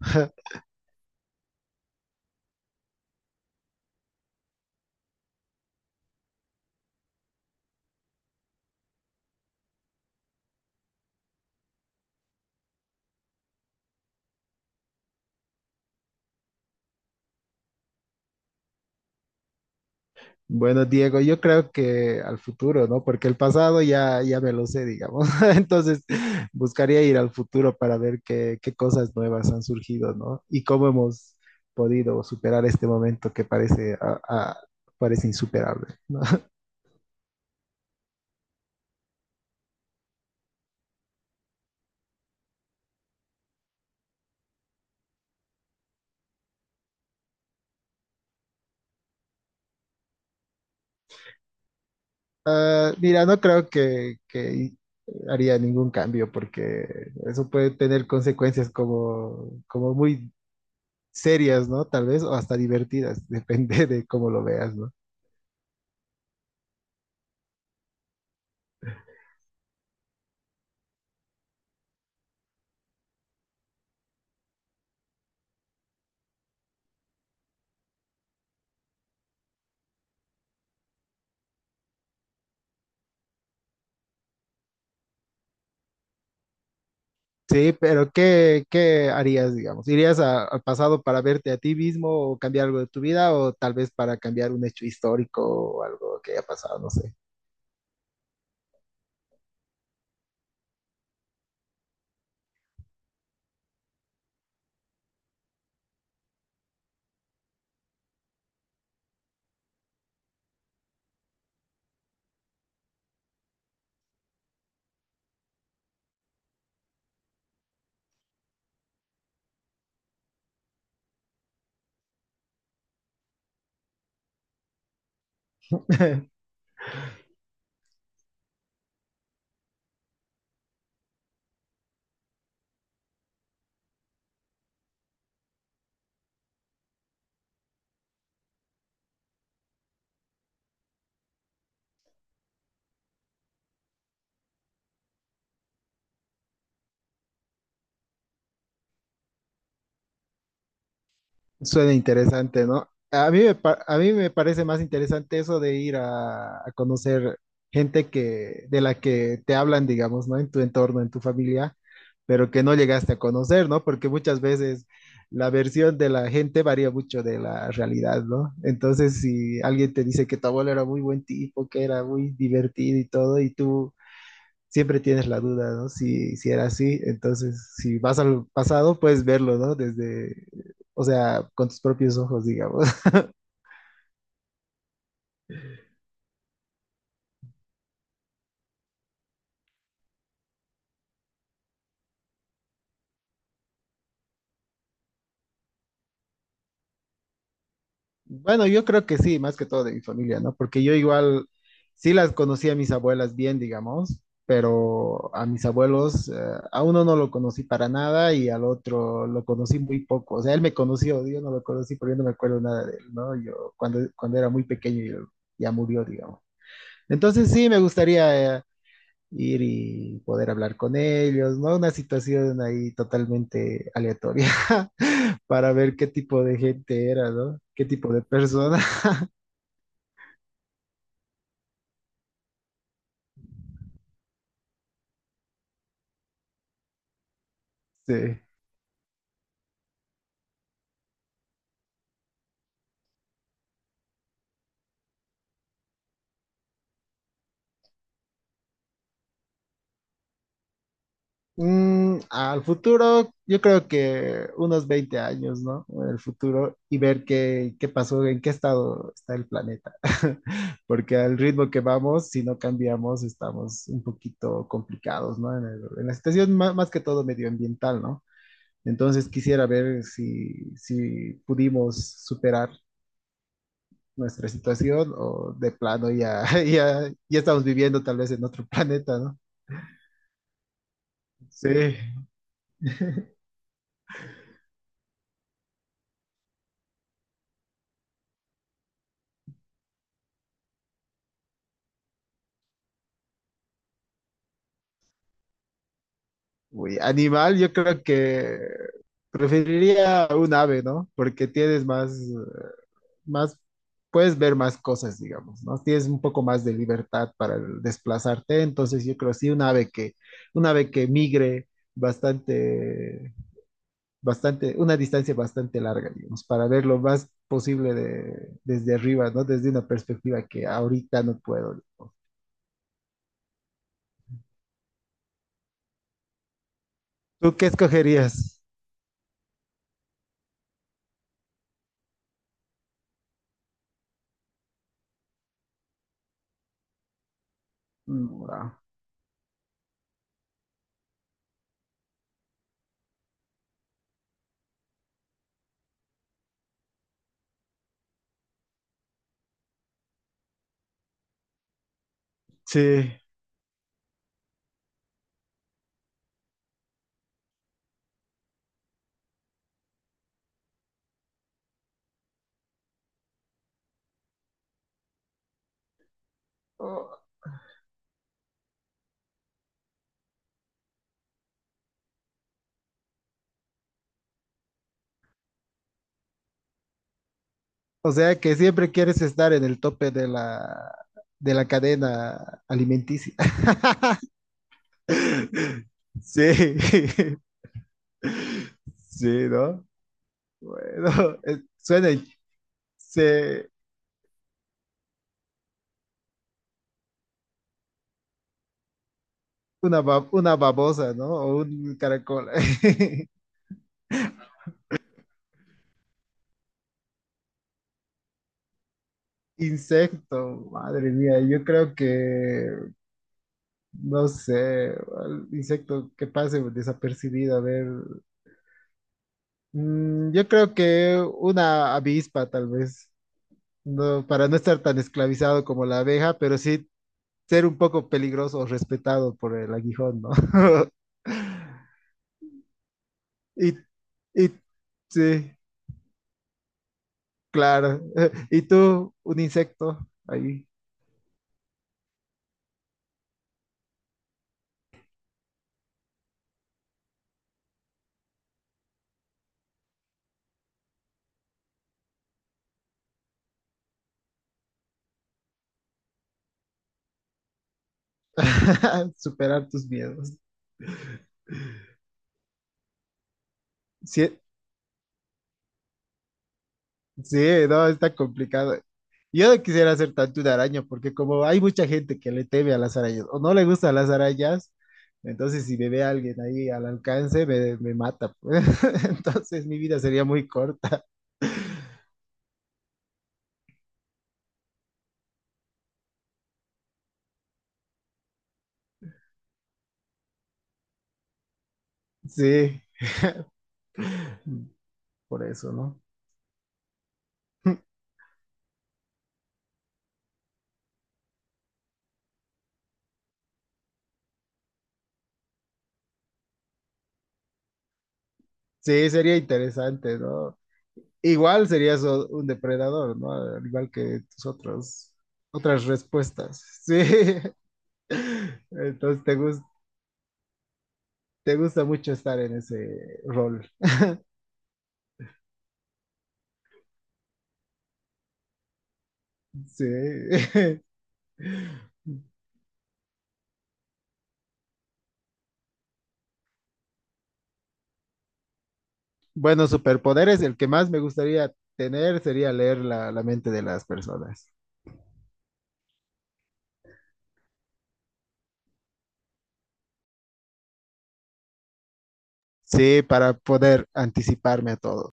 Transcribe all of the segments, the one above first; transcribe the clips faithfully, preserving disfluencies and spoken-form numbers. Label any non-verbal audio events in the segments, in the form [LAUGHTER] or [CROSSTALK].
[LAUGHS] Bueno, Diego, yo creo que al futuro, ¿no? Porque el pasado ya, ya me lo sé, digamos. [LAUGHS] Entonces, buscaría ir al futuro para ver qué, qué cosas nuevas han surgido, ¿no? Y cómo hemos podido superar este momento que parece, a- a- parece insuperable, ¿no? [LAUGHS] Ah, mira, no creo que, que haría ningún cambio porque eso puede tener consecuencias como, como muy serias, ¿no? Tal vez, o hasta divertidas, [LAUGHS] depende de cómo lo veas, ¿no? Sí, pero ¿qué, qué harías, digamos? ¿Irías a- al pasado para verte a ti mismo o cambiar algo de tu vida o tal vez para cambiar un hecho histórico o algo que haya pasado? No sé. [LAUGHS] Suena interesante, ¿no? A mí me, pa- a mí me parece más interesante eso de ir a, a conocer gente que, de la que te hablan, digamos, ¿no? En tu entorno, en tu familia, pero que no llegaste a conocer, ¿no? Porque muchas veces la versión de la gente varía mucho de la realidad, ¿no? Entonces, si alguien te dice que tu abuelo era muy buen tipo, que era muy divertido y todo, y tú siempre tienes la duda, ¿no? Si, si era así, entonces si vas al pasado, puedes verlo, ¿no? Desde, o sea, con tus propios ojos, digamos. [LAUGHS] Bueno, yo creo que sí, más que todo de mi familia, ¿no? Porque yo igual sí las conocí a mis abuelas bien, digamos, pero a mis abuelos, eh, a uno no lo conocí para nada y al otro lo conocí muy poco. O sea, él me conoció, yo no lo conocí porque yo no me acuerdo nada de él, ¿no? Yo cuando, cuando era muy pequeño yo- ya murió, digamos. Entonces sí, me gustaría... Eh, ir y poder hablar con ellos, ¿no? Una situación ahí totalmente aleatoria [LAUGHS] para ver qué tipo de gente era, ¿no? ¿Qué tipo de persona? [LAUGHS] Sí. Mm, al futuro, yo creo que unos veinte años, ¿no? En el futuro y ver qué, qué pasó, en qué estado está el planeta. [LAUGHS] Porque al ritmo que vamos, si no cambiamos, estamos un poquito complicados, ¿no? En, el- en la situación ma- más, que todo medioambiental, ¿no? Entonces quisiera ver si, si pudimos superar nuestra situación o de plano ya, [LAUGHS] ya, ya estamos viviendo tal vez en otro planeta, ¿no? Sí. Uy, animal, yo creo que preferiría un ave, ¿no? Porque tienes más, más, puedes ver más cosas, digamos, ¿no? Tienes un poco más de libertad para desplazarte, entonces yo creo sí un ave que, un ave que migre bastante bastante, una distancia bastante larga, digamos, para ver lo más posible de, desde arriba, ¿no? Desde una perspectiva que ahorita no puedo. ¿Tú qué escogerías? Mm, wow. Sí. O, o sea que siempre quieres estar en el tope de la, de la cadena alimenticia. [LAUGHS] Sí, [LAUGHS] sí, ¿no? Bueno, eh, suena se- una, ba- una babosa, ¿no? O un caracol. [LAUGHS] Insecto, madre mía, yo creo que, no sé, al insecto que pase desapercibido, a ver, mm, yo creo que una avispa tal vez, no, para no estar tan esclavizado como la abeja, pero sí ser un poco peligroso o respetado por el aguijón, ¿no? [LAUGHS] Y, y, sí, claro, [LAUGHS] y tú, un insecto, ahí, [LAUGHS] superar tus miedos. Sí, sí, no, está complicado. Yo no quisiera ser tanto una araña, porque como hay mucha gente que le teme a las arañas o no le gustan las arañas, entonces si me ve alguien ahí al alcance, me, me mata. Pues. [LAUGHS] Entonces mi vida sería muy corta. Sí, por eso, ¿no? Sí, sería interesante, ¿no? Igual serías o- un depredador, ¿no? Al igual que tus otros, otras respuestas. Sí. [LAUGHS] Entonces te gus- te gusta mucho estar en ese rol. Sí. [LAUGHS] Bueno, superpoderes, el que más me gustaría tener sería leer la, la mente de las personas. Sí, para poder anticiparme a todo.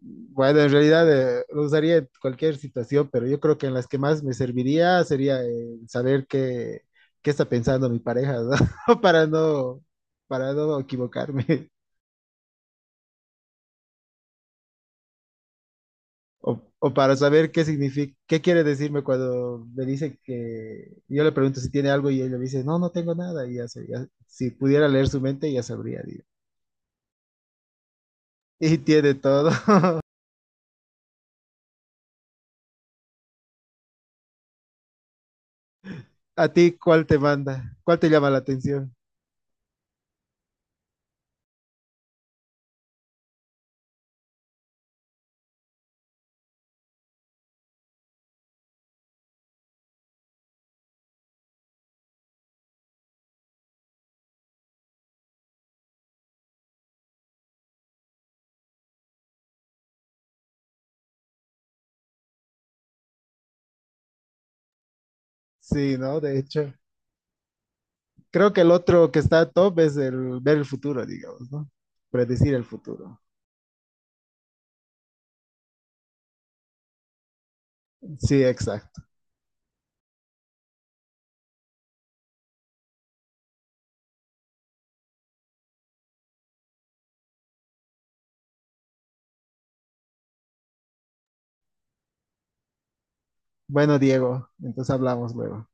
Bueno, en realidad eh, lo usaría en cualquier situación, pero yo creo que en las que más me serviría sería eh, saber qué, qué está pensando mi pareja, ¿no? [LAUGHS] Para no, para no equivocarme. O, o para saber qué significa, qué quiere decirme cuando me dice que yo le pregunto si tiene algo y él me dice, no, no tengo nada. Y ya, sé, ya- si pudiera leer su mente, ya sabría, digo. Y tiene todo. [LAUGHS] ¿A ti cuál te manda? ¿Cuál te llama la atención? Sí, ¿no? De hecho, creo que el otro que está top es el ver el futuro, digamos, ¿no? Predecir el futuro. Sí, exacto. Bueno, Diego, entonces hablamos luego.